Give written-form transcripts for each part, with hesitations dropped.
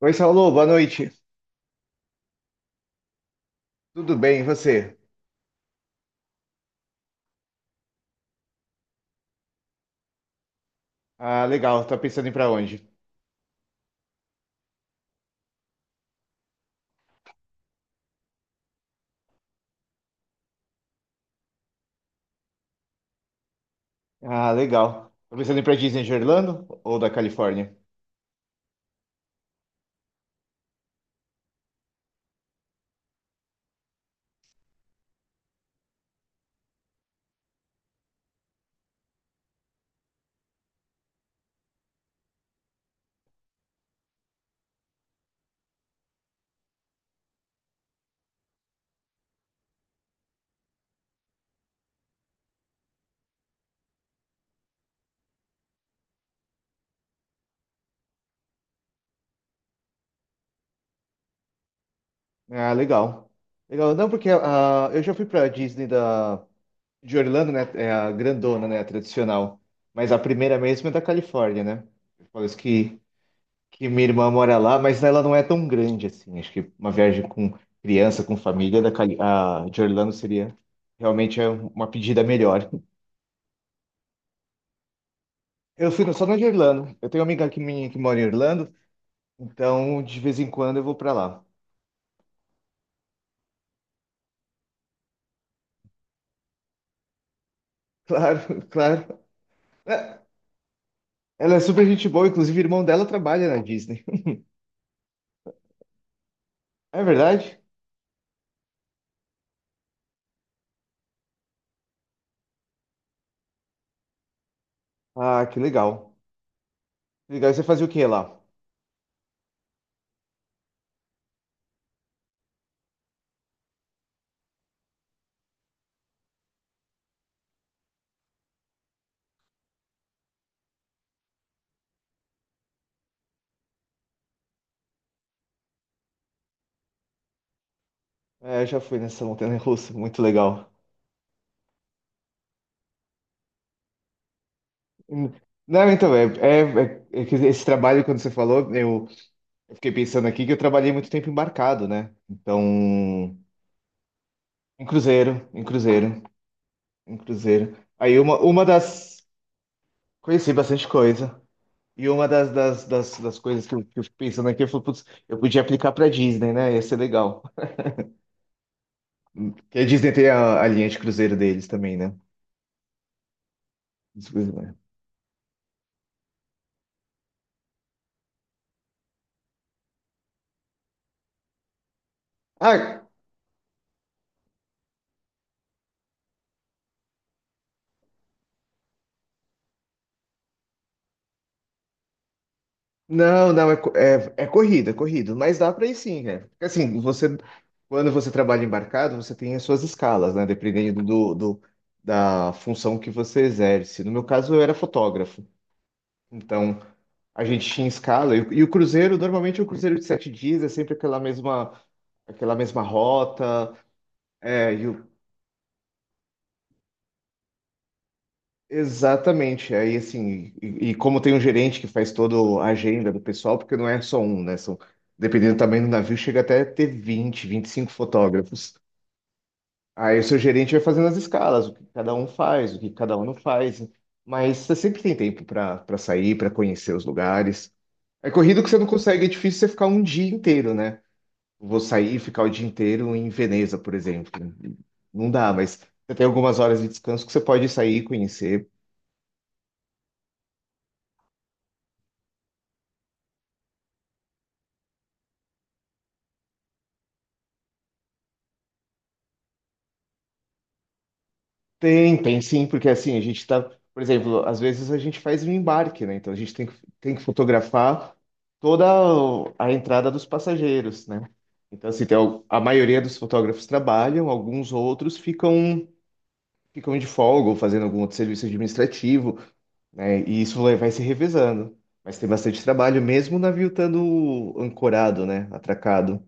Oi, Saulo, boa noite. Tudo bem, e você? Ah, legal. Tá pensando em ir pra onde? Ah, legal. Tá pensando em ir pra Disney de Orlando ou da Califórnia? Ah, legal. Legal. Não, porque eu já fui pra Disney de Orlando, né? É a grandona, né? A tradicional. Mas a primeira mesmo é da Califórnia, né? Eu falo isso que minha irmã mora lá, mas ela não é tão grande assim. Acho que uma viagem com criança, com família, da Cali, a de Orlando seria realmente uma pedida melhor. Eu fui no- Só na de Irlanda. Eu tenho uma amiga minha que mora em Irlanda, então de vez em quando eu vou pra lá. Claro, claro. É, ela é super gente boa, inclusive o irmão dela trabalha na Disney. É verdade? Ah, que legal. Legal, e você fazia o que lá? É, eu já fui nessa montanha russa, muito legal. Hum. Não, então, que esse trabalho, quando você falou, eu fiquei pensando aqui que eu trabalhei muito tempo embarcado, né? Então, em cruzeiro, em cruzeiro, em cruzeiro. Aí uma das. Conheci bastante coisa. E uma das coisas que eu fico pensando aqui, eu falo, putz, eu podia aplicar pra Disney, né? Ia ser legal. Porque a Disney tem a linha de cruzeiro deles também, né? As coisas, né? Ah, não, não, é corrida, é corrida. Mas dá pra ir sim, né? Porque assim, quando você trabalha embarcado, você tem as suas escalas, né? Dependendo da função que você exerce. No meu caso, eu era fotógrafo. Então, a gente tinha escala. E o cruzeiro, normalmente, o cruzeiro de 7 dias, é sempre aquela mesma rota. É, e o- Exatamente. Aí, assim, como tem um gerente que faz toda a agenda do pessoal, porque não é só um, né? São, dependendo do tamanho do navio, chega até a ter 20, 25 fotógrafos. Aí o seu gerente vai fazendo as escalas, o que cada um faz, o que cada um não faz. Mas você sempre tem tempo para sair, para conhecer os lugares. É corrido que você não consegue, é difícil você ficar um dia inteiro, né? Vou sair e ficar o dia inteiro em Veneza, por exemplo. Não dá, mas você tem algumas horas de descanso que você pode sair conhecer. Tem, tem sim, porque assim, por exemplo, às vezes a gente faz um embarque, né? Então a gente tem que fotografar toda a entrada dos passageiros, né? Então, assim, a maioria dos fotógrafos trabalham, alguns outros ficam, ficam de folga ou fazendo algum outro serviço administrativo, né? E isso vai se revezando. Mas tem bastante trabalho, mesmo o navio estando ancorado, né? Atracado.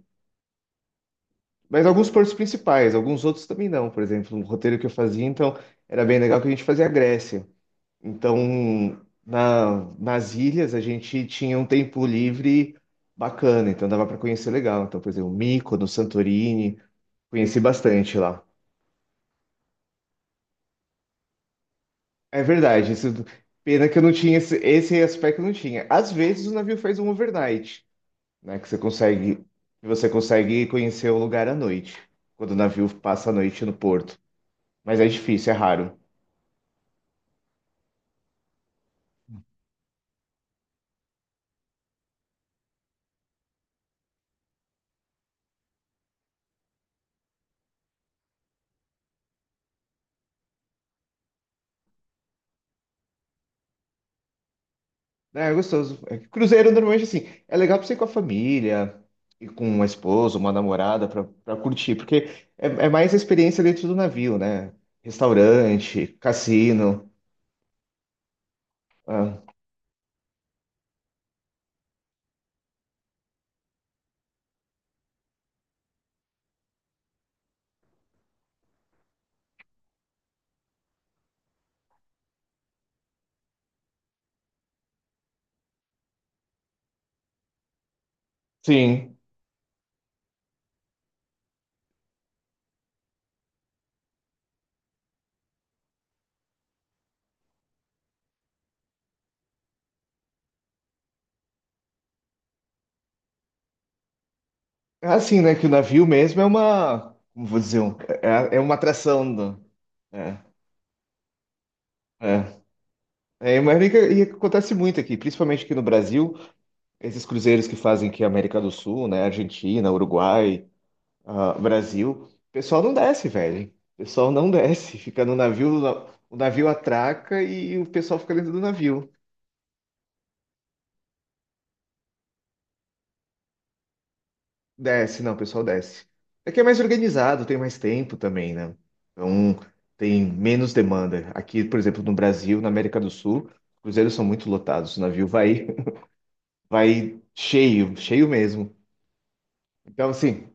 Mas alguns portos principais, alguns outros também não. Por exemplo, um roteiro que eu fazia, então, era bem legal que a gente fazia a Grécia. Então, nas ilhas a gente tinha um tempo livre bacana, então dava para conhecer legal. Então, por exemplo, Mykonos, Santorini, conheci bastante lá. É verdade, isso, pena que eu não tinha esse aspecto eu não tinha. Às vezes o navio faz um overnight, né, que você consegue conhecer o lugar à noite, quando o navio passa a noite no porto. Mas é difícil, é raro. É, é gostoso. É que cruzeiro normalmente assim, é legal pra você ir com a família, ir com uma esposa, uma namorada pra curtir, porque é mais a experiência dentro do navio, né? Restaurante, cassino. Ah, sim. É assim, né? Que o navio mesmo é uma, como vou dizer, é uma atração é, é. É, mas que acontece muito aqui, principalmente aqui no Brasil, esses cruzeiros que fazem aqui a América do Sul, né? Argentina, Uruguai, ah, Brasil, o pessoal não desce, velho. O pessoal não desce. Fica no navio, o navio atraca e o pessoal fica dentro do navio. Desce, não, o pessoal desce. Aqui é mais organizado, tem mais tempo também, né? Então tem menos demanda. Aqui, por exemplo, no Brasil, na América do Sul, os cruzeiros são muito lotados. O navio vai, vai cheio, cheio mesmo. Então, assim,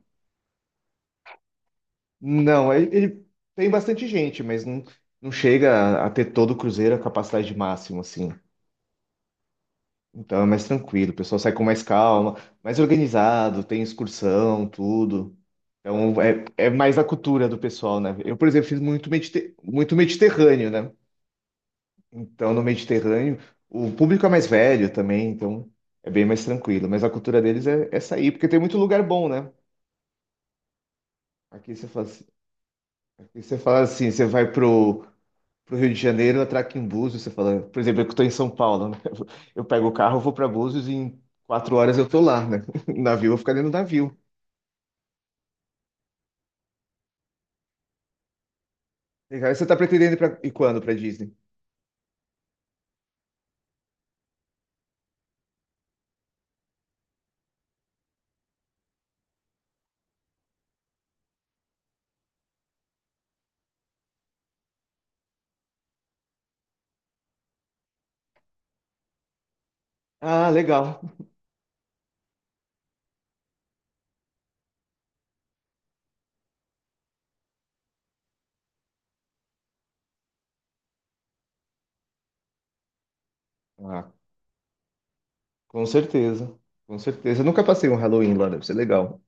não, ele ele- tem bastante gente, mas não, não chega a ter todo o cruzeiro a capacidade máxima, assim. Então é mais tranquilo, o pessoal sai com mais calma, mais organizado, tem excursão, tudo. Então é mais a cultura do pessoal, né? Eu, por exemplo, fiz muito Mediterrâneo, né? Então no Mediterrâneo o público é mais velho também, então é bem mais tranquilo. Mas a cultura deles é sair, porque tem muito lugar bom, né? Aqui você fala, assim- aqui você fala assim, você vai pro Rio de Janeiro, eu atraco em Búzios, você fala, por exemplo, eu que tô em São Paulo, né? Eu pego o carro, vou para Búzios e em 4 horas eu tô lá, né? No navio, eu vou ficar dentro do navio. Legal. E você tá pretendendo e quando para Disney? Ah, legal. Ah, com certeza. Com certeza. Eu nunca passei um Halloween lá, deve ser legal.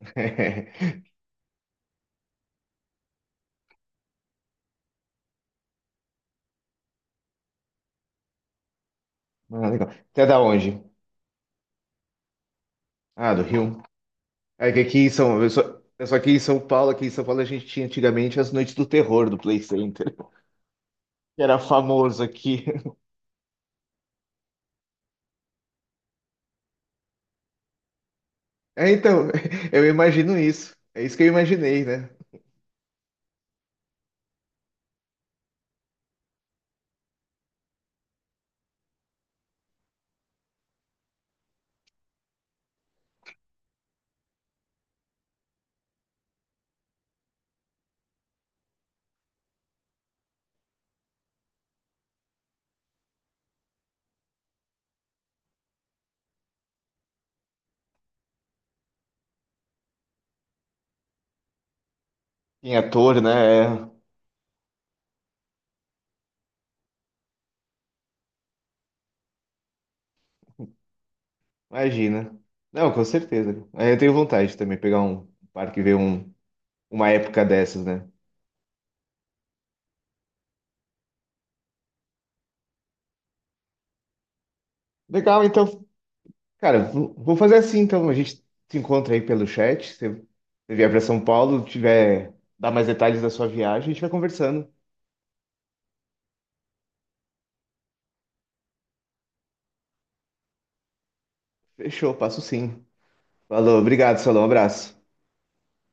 Ah, legal. Até da onde? Ah, do Rio. É que aqui em São... Eu só... Eu sou aqui em São Paulo, aqui em São Paulo a gente tinha antigamente as noites do terror do Play Center, que era famoso aqui. É, então, eu imagino isso. É isso que eu imaginei, né? Em ator, né? É, imagina. Não, com certeza. É, eu tenho vontade também de pegar um parque e ver uma época dessas, né? Legal, então. Cara, vou fazer assim, então. A gente se encontra aí pelo chat. Se você vier para São Paulo, dar mais detalhes da sua viagem, a gente vai conversando. Fechou, passo sim. Falou, obrigado, Salão. Um abraço.